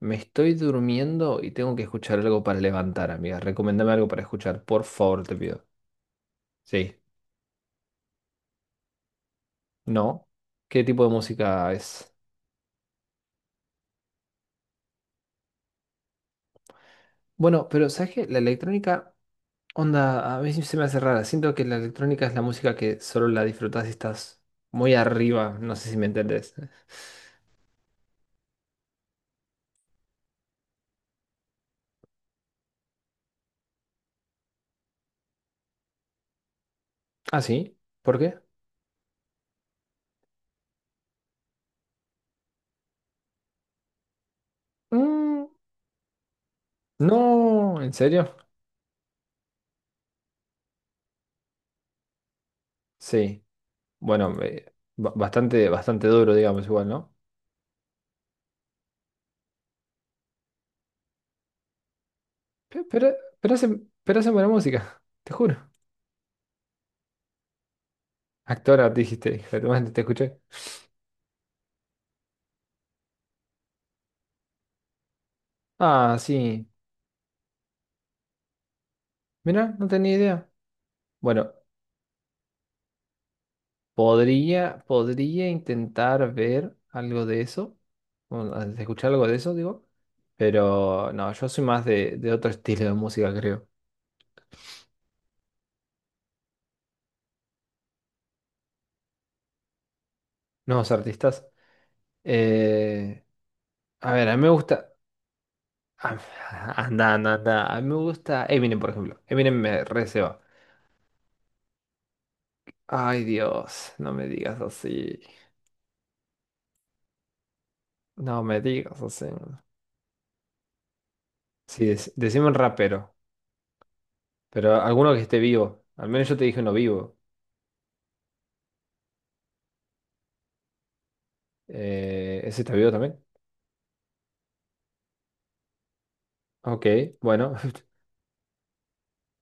Me estoy durmiendo y tengo que escuchar algo para levantar, amiga. Recomendame algo para escuchar, por favor, te pido. Sí. ¿No? ¿Qué tipo de música es? Bueno, pero ¿sabes qué? La electrónica, onda, a mí se me hace rara. Siento que la electrónica es la música que solo la disfrutas si estás muy arriba. No sé si me entendés. ¿Ah, sí? ¿Por qué? Mm, no, ¿en serio? Sí. Bueno, bastante, bastante duro, digamos, igual, ¿no? Pero, pero hacen buena música, te juro. Actora, dijiste, hija de te escuché. Ah, sí. Mira, no tenía idea. Bueno, podría intentar ver algo de eso, bueno, de escuchar algo de eso, digo. Pero no, yo soy más de otro estilo de música, creo. Nuevos artistas. Eh, a ver, a mí me gusta. ah, Anda, anda, anda. A mí me gusta Eminem, por ejemplo. Eminem me receba. Ay, Dios, no me digas así. No me digas así. Sí, decime un rapero. Pero alguno que esté vivo. Al menos yo te dije uno vivo. ¿Ese está vivo también? Ok, bueno.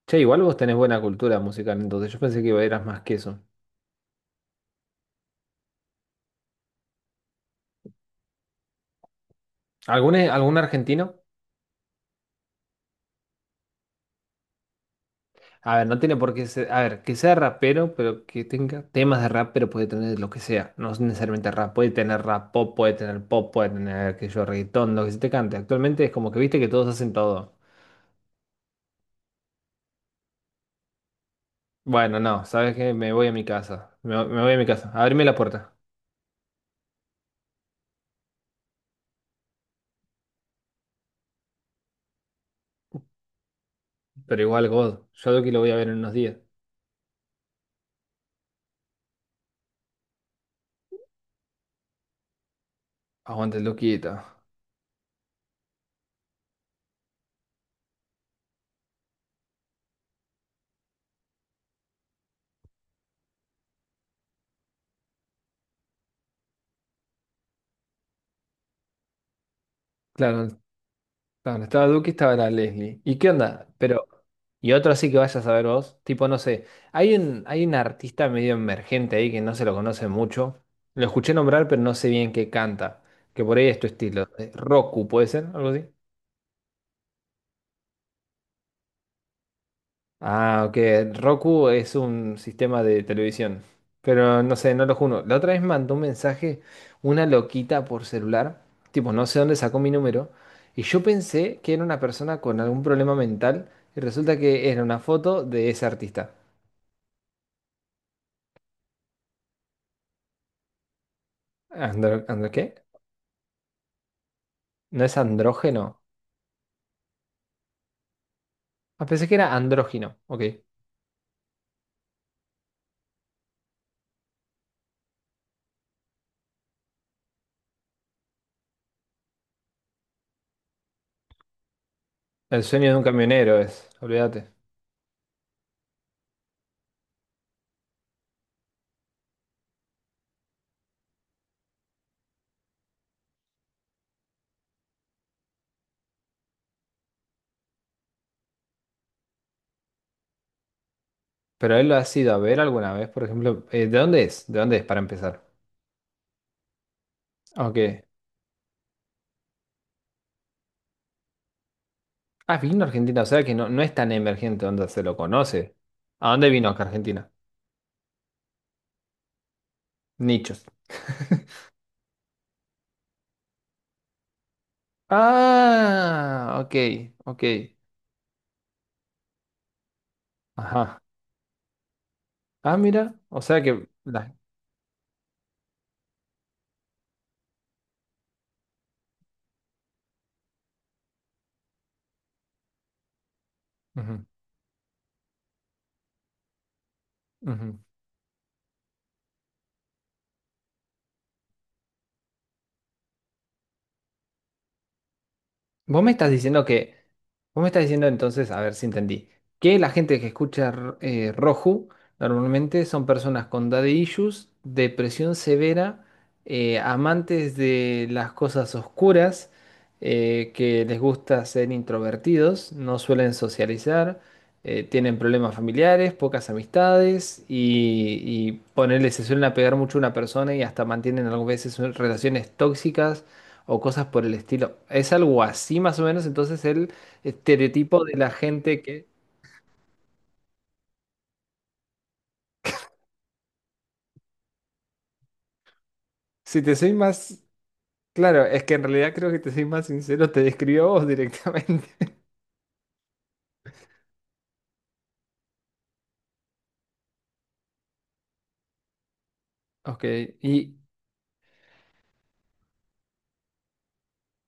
Che, igual vos tenés buena cultura musical, entonces yo pensé que eras más que eso. Algún argentino? A ver, no tiene por qué ser. A ver, que sea rapero, pero que tenga temas de rap, pero puede tener lo que sea. No es necesariamente rap, puede tener rap pop, puede tener que yo reggaetón, lo que se te cante. Actualmente es como que viste que todos hacen todo. Bueno, no, sabes que me voy a mi casa. Me voy a mi casa. Abrime la puerta. Pero igual, God, yo creo que lo voy a ver en unos días. Aguante, el Luquita. Claro, claro, estaba Duki, estaba la Leslie. ¿Y qué onda? Pero, y otro sí que vayas a saber vos. Tipo, no sé. Hay un artista medio emergente ahí que no se lo conoce mucho. Lo escuché nombrar, pero no sé bien qué canta. Que por ahí es tu estilo. Roku, ¿puede ser? Algo así. Ah, ok. Roku es un sistema de televisión. Pero no sé, no lo juro. La otra vez mandó un mensaje una loquita por celular. Tipo, no sé dónde sacó mi número. Y yo pensé que era una persona con algún problema mental. Y resulta que era una foto de ese artista. ¿Qué? ¿No es andrógeno? Ah, pensé que era andrógino. Ok. El sueño de un camionero es. Olvídate. Pero él lo ha sido a ver alguna vez, por ejemplo. ¿De dónde es? ¿De dónde es para empezar? Ok. Ah, vino a Argentina, o sea que no, no es tan emergente donde se lo conoce. ¿A dónde vino acá a Argentina? Nichos. Ah, ok, ok. Ajá. Ah, mira, o sea que... La... Ujú, ujú. Vos me estás diciendo que, vos me estás diciendo entonces, a ver si entendí, que la gente que escucha Roju normalmente son personas con daddy issues, depresión severa, amantes de las cosas oscuras, que les gusta ser introvertidos, no suelen socializar, tienen problemas familiares, pocas amistades y ponele, se suelen apegar mucho a una persona y hasta mantienen algunas veces relaciones tóxicas o cosas por el estilo. Es algo así más o menos, entonces el estereotipo de la gente que, si te soy más, claro, es que en realidad creo que te soy más sincero, te describió vos directamente. Ok, y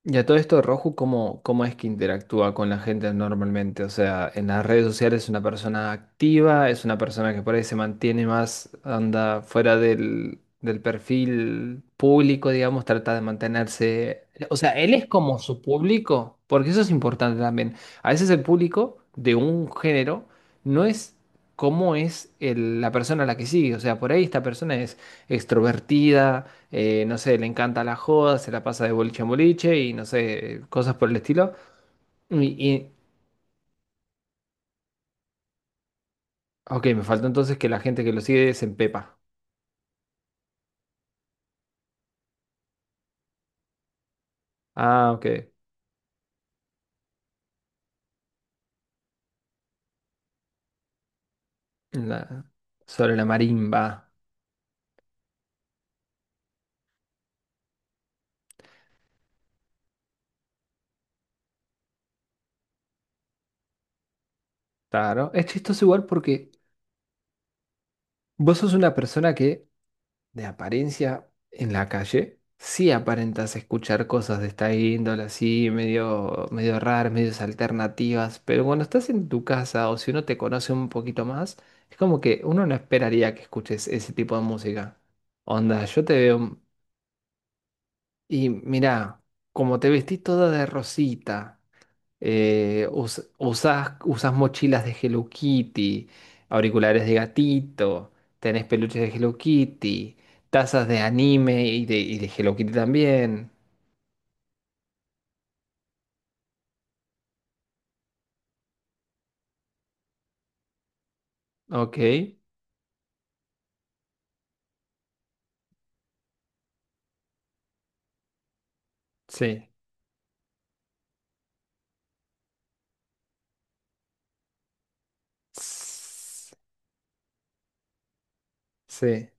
Y a todo esto, Roju, cómo es que interactúa con la gente normalmente? O sea, en las redes sociales es una persona activa, es una persona que por ahí se mantiene más, anda fuera del perfil público, digamos, trata de mantenerse... O sea, él es como su público, porque eso es importante también. A veces el público de un género no es como es la persona a la que sigue. O sea, por ahí esta persona es extrovertida no sé, le encanta la joda, se la pasa de boliche en boliche y no sé, cosas por el estilo. Y, y- ok, me faltó entonces que la gente que lo sigue se empepa. Ah, ok. La- sobre la marimba. Claro. Es chistoso igual porque vos sos una persona que de apariencia en la calle, sí aparentas escuchar cosas de esta índole, así medio, medio raras, medio alternativas, pero cuando estás en tu casa o si uno te conoce un poquito más, es como que uno no esperaría que escuches ese tipo de música. Onda, yo te veo y mirá, como te vestís toda de rosita usás, usás mochilas de Hello Kitty, auriculares de gatito, tenés peluches de Hello Kitty, tazas de anime y de Hello Kitty también. Ok, sí. S- Sí,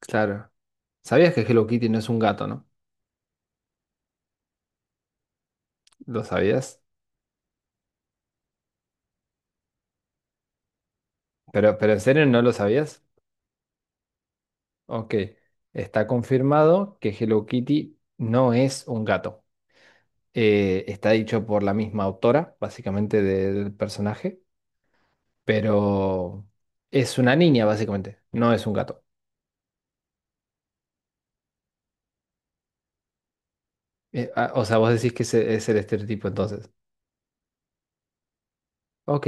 claro. ¿Sabías que Hello Kitty no es un gato, no? ¿Lo sabías? Pero, ¿pero en serio no lo sabías? Ok. Está confirmado que Hello Kitty no es un gato. Está dicho por la misma autora, básicamente, del personaje. Pero es una niña básicamente, no es un gato. Ah, o sea, vos decís que ese es el estereotipo entonces. Ok,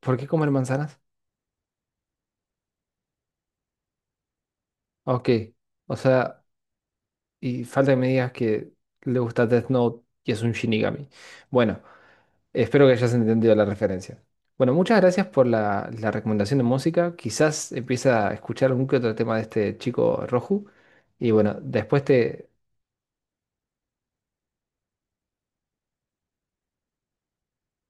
¿por qué comer manzanas? Ok, o sea, y falta que me digas que le gusta Death Note y es un Shinigami. Bueno, espero que hayas entendido la referencia. Bueno, muchas gracias por la recomendación de música. Quizás empiece a escuchar algún que otro tema de este chico Roju. Y bueno, después te,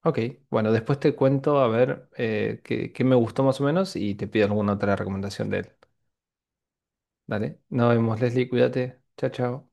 Ok, bueno, después te cuento a ver qué me gustó más o menos y te pido alguna otra recomendación de él. Dale, nos vemos, Leslie, cuídate. Chao, chao.